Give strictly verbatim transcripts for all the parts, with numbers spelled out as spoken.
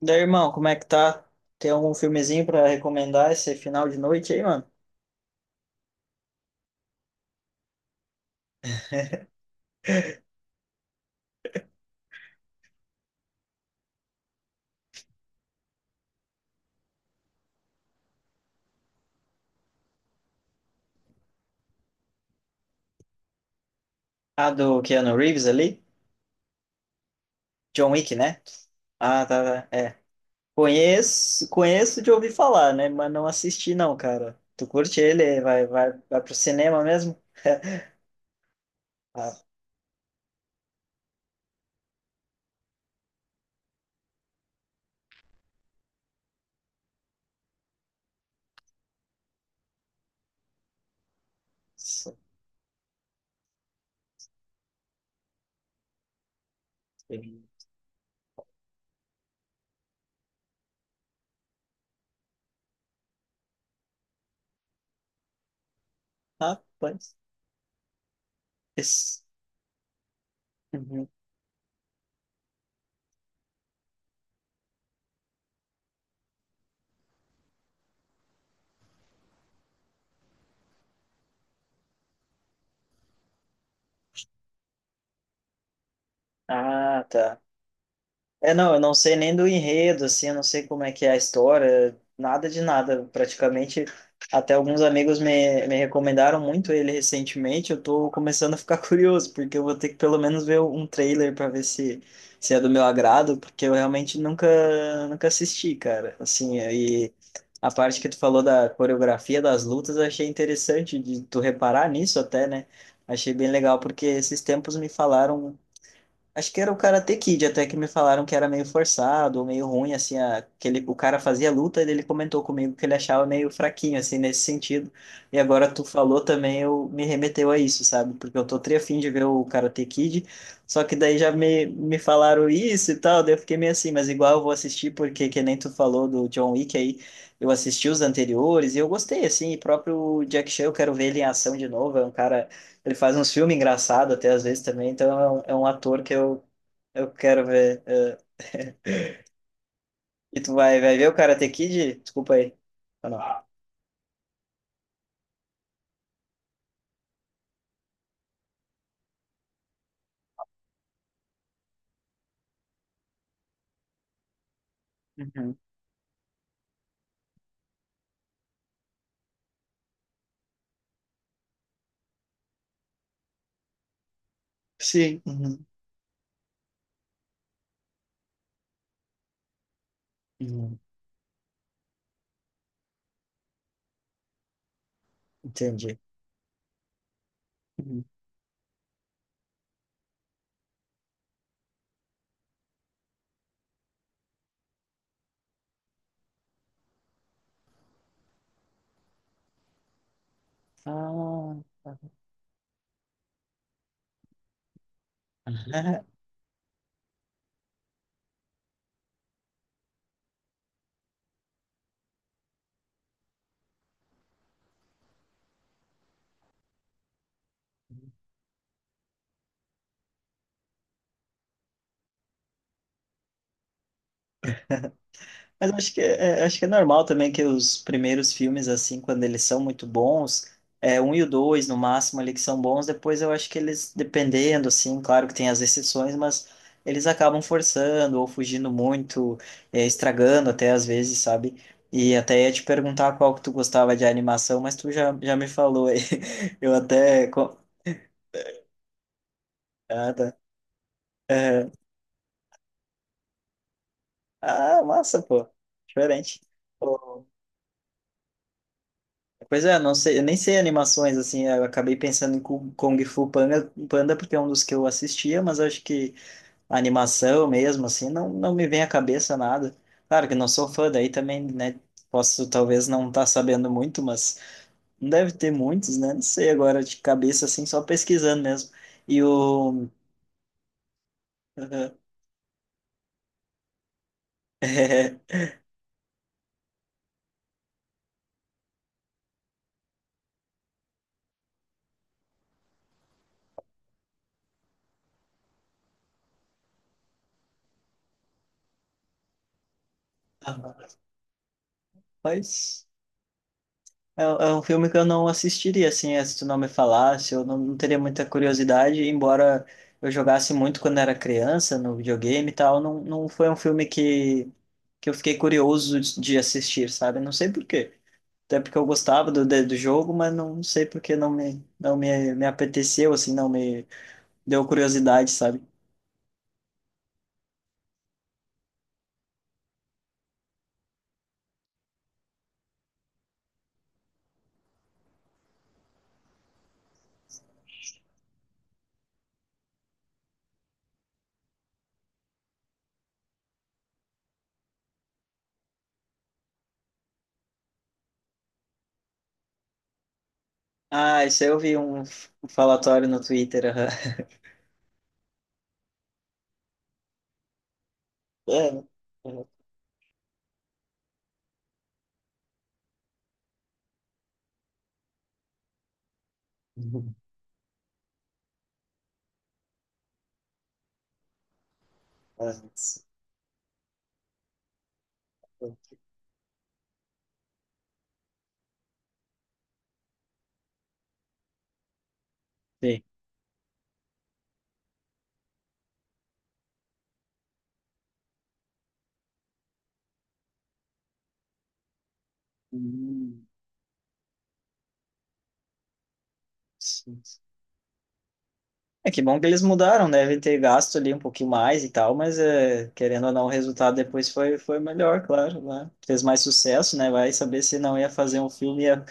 Daí, irmão, como é que tá? Tem algum filmezinho pra recomendar esse final de noite aí, mano? Ah, do Keanu Reeves ali? John Wick, né? Ah, tá, tá, é. Conheço, conheço de ouvir falar, né? Mas não assisti não, cara. Tu curte ele? Vai, vai, vai pro cinema mesmo? Rapaz, rapaz. Esse- Uhum. Ah, tá. É, não, eu não sei nem do enredo, assim, eu não sei como é que é a história, nada de nada, praticamente. Até alguns amigos me, me recomendaram muito ele recentemente, eu tô começando a ficar curioso, porque eu vou ter que pelo menos ver um trailer para ver se, se é do meu agrado, porque eu realmente nunca, nunca assisti, cara. Assim, e a parte que tu falou da coreografia das lutas, eu achei interessante de tu reparar nisso até, né? Achei bem legal, porque esses tempos me falaram. Acho que era o Karate Kid, até que me falaram que era meio forçado, meio ruim, assim, a, que ele, o cara fazia luta e ele comentou comigo que ele achava meio fraquinho, assim, nesse sentido. E agora tu falou também, eu me remeteu a isso, sabe? Porque eu tô tri afim de ver o Karate Kid, só que daí já me, me falaram isso e tal, daí eu fiquei meio assim, mas igual eu vou assistir, porque que nem tu falou do John Wick aí, eu assisti os anteriores e eu gostei, assim, e próprio Jack Chan, eu quero ver ele em ação de novo, é um cara, ele faz uns filmes engraçados até às vezes também, então é um, é um ator que eu, eu quero ver. É. E tu vai, vai ver o Karate Kid? Desculpa aí. Ou não? Uhum. Sim. Uhum. Uhum. Entendi. Uhum. Ah, tá. Mas acho que é, é, acho que é normal também que os primeiros filmes, assim, quando eles são muito bons, é um e o dois, no máximo, ali que são bons, depois eu acho que eles, dependendo, assim, claro que tem as exceções, mas eles acabam forçando ou fugindo muito, é, estragando até às vezes, sabe? E até ia te perguntar qual que tu gostava de animação, mas tu já, já me falou aí. Eu até. co- Ah, tá. Aham. Ah, massa, pô. Diferente. Pois é, não sei, eu nem sei animações, assim, eu acabei pensando em Ku- Kung Fu Panda, Panda porque é um dos que eu assistia, mas acho que a animação mesmo, assim, não, não me vem à cabeça nada. Claro que não sou fã, daí também, né, posso talvez não estar sabendo muito, mas não deve ter muitos, né, não sei agora de cabeça, assim, só pesquisando mesmo. E o... É. Mas... É, é um filme que eu não assistiria, assim, é, se tu não me falasse, eu não, não teria muita curiosidade, embora eu jogasse muito quando era criança, no videogame e tal, não, não foi um filme que, que eu fiquei curioso de de assistir, sabe? Não sei por quê. Até porque eu gostava do, de- do jogo, mas não sei por que não me, não me, me apeteceu, assim, não me deu curiosidade, sabe? Ah, isso aí eu vi um, f- um falatório no Twitter. Aham. É, é. Ah, sim. Hum, sim. É que bom que eles mudaram, né? Devem ter gasto ali um pouquinho mais e tal, mas é, querendo ou não, o resultado depois foi, foi melhor, claro, né? Fez mais sucesso, né? Vai saber se não ia fazer um filme, ia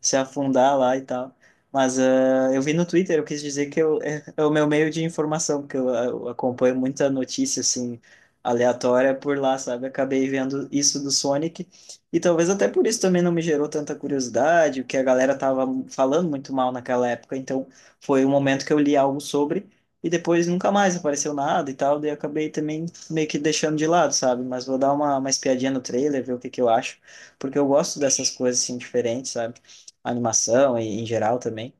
se afundar lá e tal. Mas é, eu vi no Twitter, eu quis dizer que eu, é, é o meu meio de informação, porque eu, eu acompanho muita notícia, assim, aleatória por lá, sabe? Acabei vendo isso do Sonic, e talvez até por isso também não me gerou tanta curiosidade, o que a galera tava falando muito mal naquela época, então foi o momento que eu li algo sobre e depois nunca mais apareceu nada e tal, daí eu acabei também meio que deixando de lado, sabe? Mas vou dar uma, uma espiadinha no trailer, ver o que que eu acho, porque eu gosto dessas coisas assim diferentes, sabe? Animação e em geral também.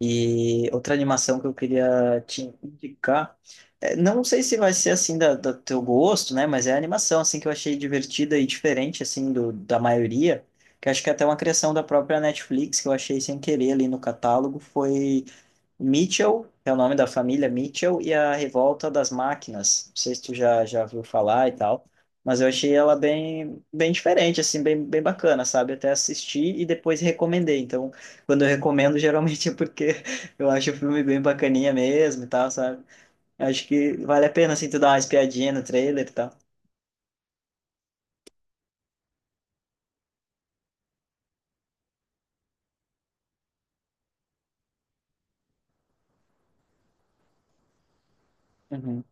E outra animação que eu queria te indicar, é, não sei se vai ser assim da, do teu gosto, né? Mas é a animação assim que eu achei divertida e diferente assim do, da maioria. Que acho que é até uma criação da própria Netflix que eu achei sem querer ali no catálogo foi Mitchell, é o nome da família Mitchell, e a Revolta das Máquinas. Não sei se tu já, já viu falar e tal, mas eu achei ela bem, bem diferente, assim, bem, bem bacana, sabe? Até assisti e depois recomendei. Então, quando eu recomendo, geralmente é porque eu acho o filme bem bacaninha mesmo e tal, sabe? Acho que vale a pena, assim, tu dar uma espiadinha no trailer e tal. Uhum.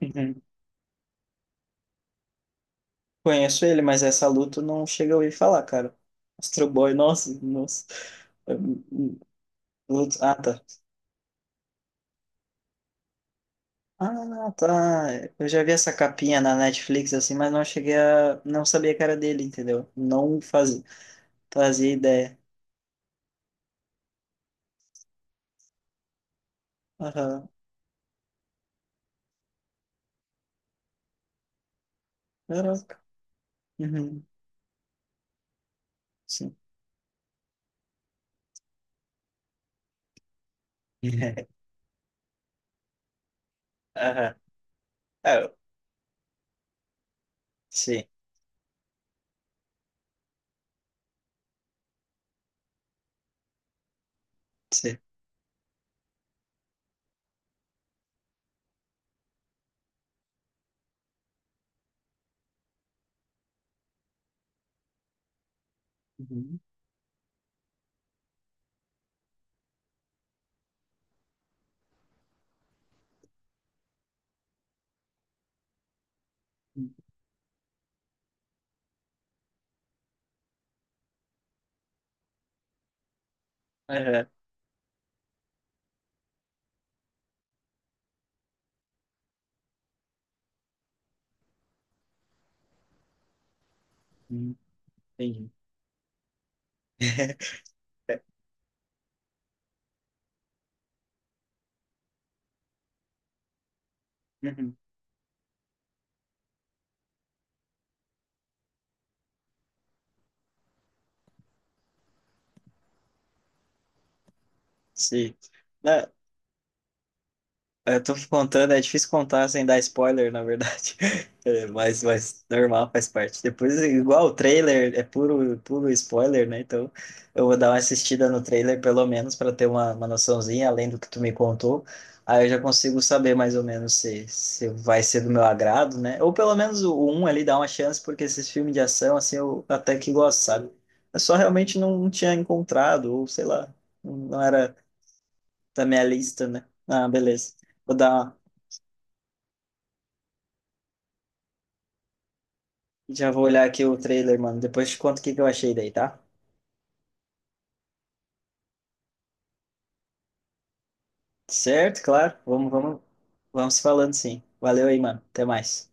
Uhum. Conheço ele, mas essa luta não chega a ouvir falar, cara. Astro Boy, nossa, nossa. Luto- Ah, tá. Ah, tá. Eu já vi essa capinha na Netflix, assim, mas não cheguei a. Não sabia que era dele, entendeu? Não fazia, Fazia ideia. Aham. Caraca. Uhum. Sim. Aham. Ah, sim, sim. Uhum. Uhum. Aham. Uhum. Entendi. Uhum. Sim. É, eu tô contando, é difícil contar sem dar spoiler, na verdade. É, mas, mas normal, faz parte. Depois, igual o trailer, é puro, puro spoiler, né? Então, eu vou dar uma assistida no trailer, pelo menos, para ter uma, uma noçãozinha, além do que tu me contou. Aí eu já consigo saber mais ou menos se, se vai ser do meu agrado, né? Ou pelo menos o um ali dá uma chance, porque esses filmes de ação, assim, eu até que gosto, sabe? Eu só realmente não, não tinha encontrado, ou sei lá, não era da minha lista, né? Ah, beleza. Vou dar uma. Já vou olhar aqui o trailer, mano. Depois te conto o que que eu achei daí, tá? Certo, claro. Vamos, vamos, vamos falando sim. Valeu aí, mano. Até mais.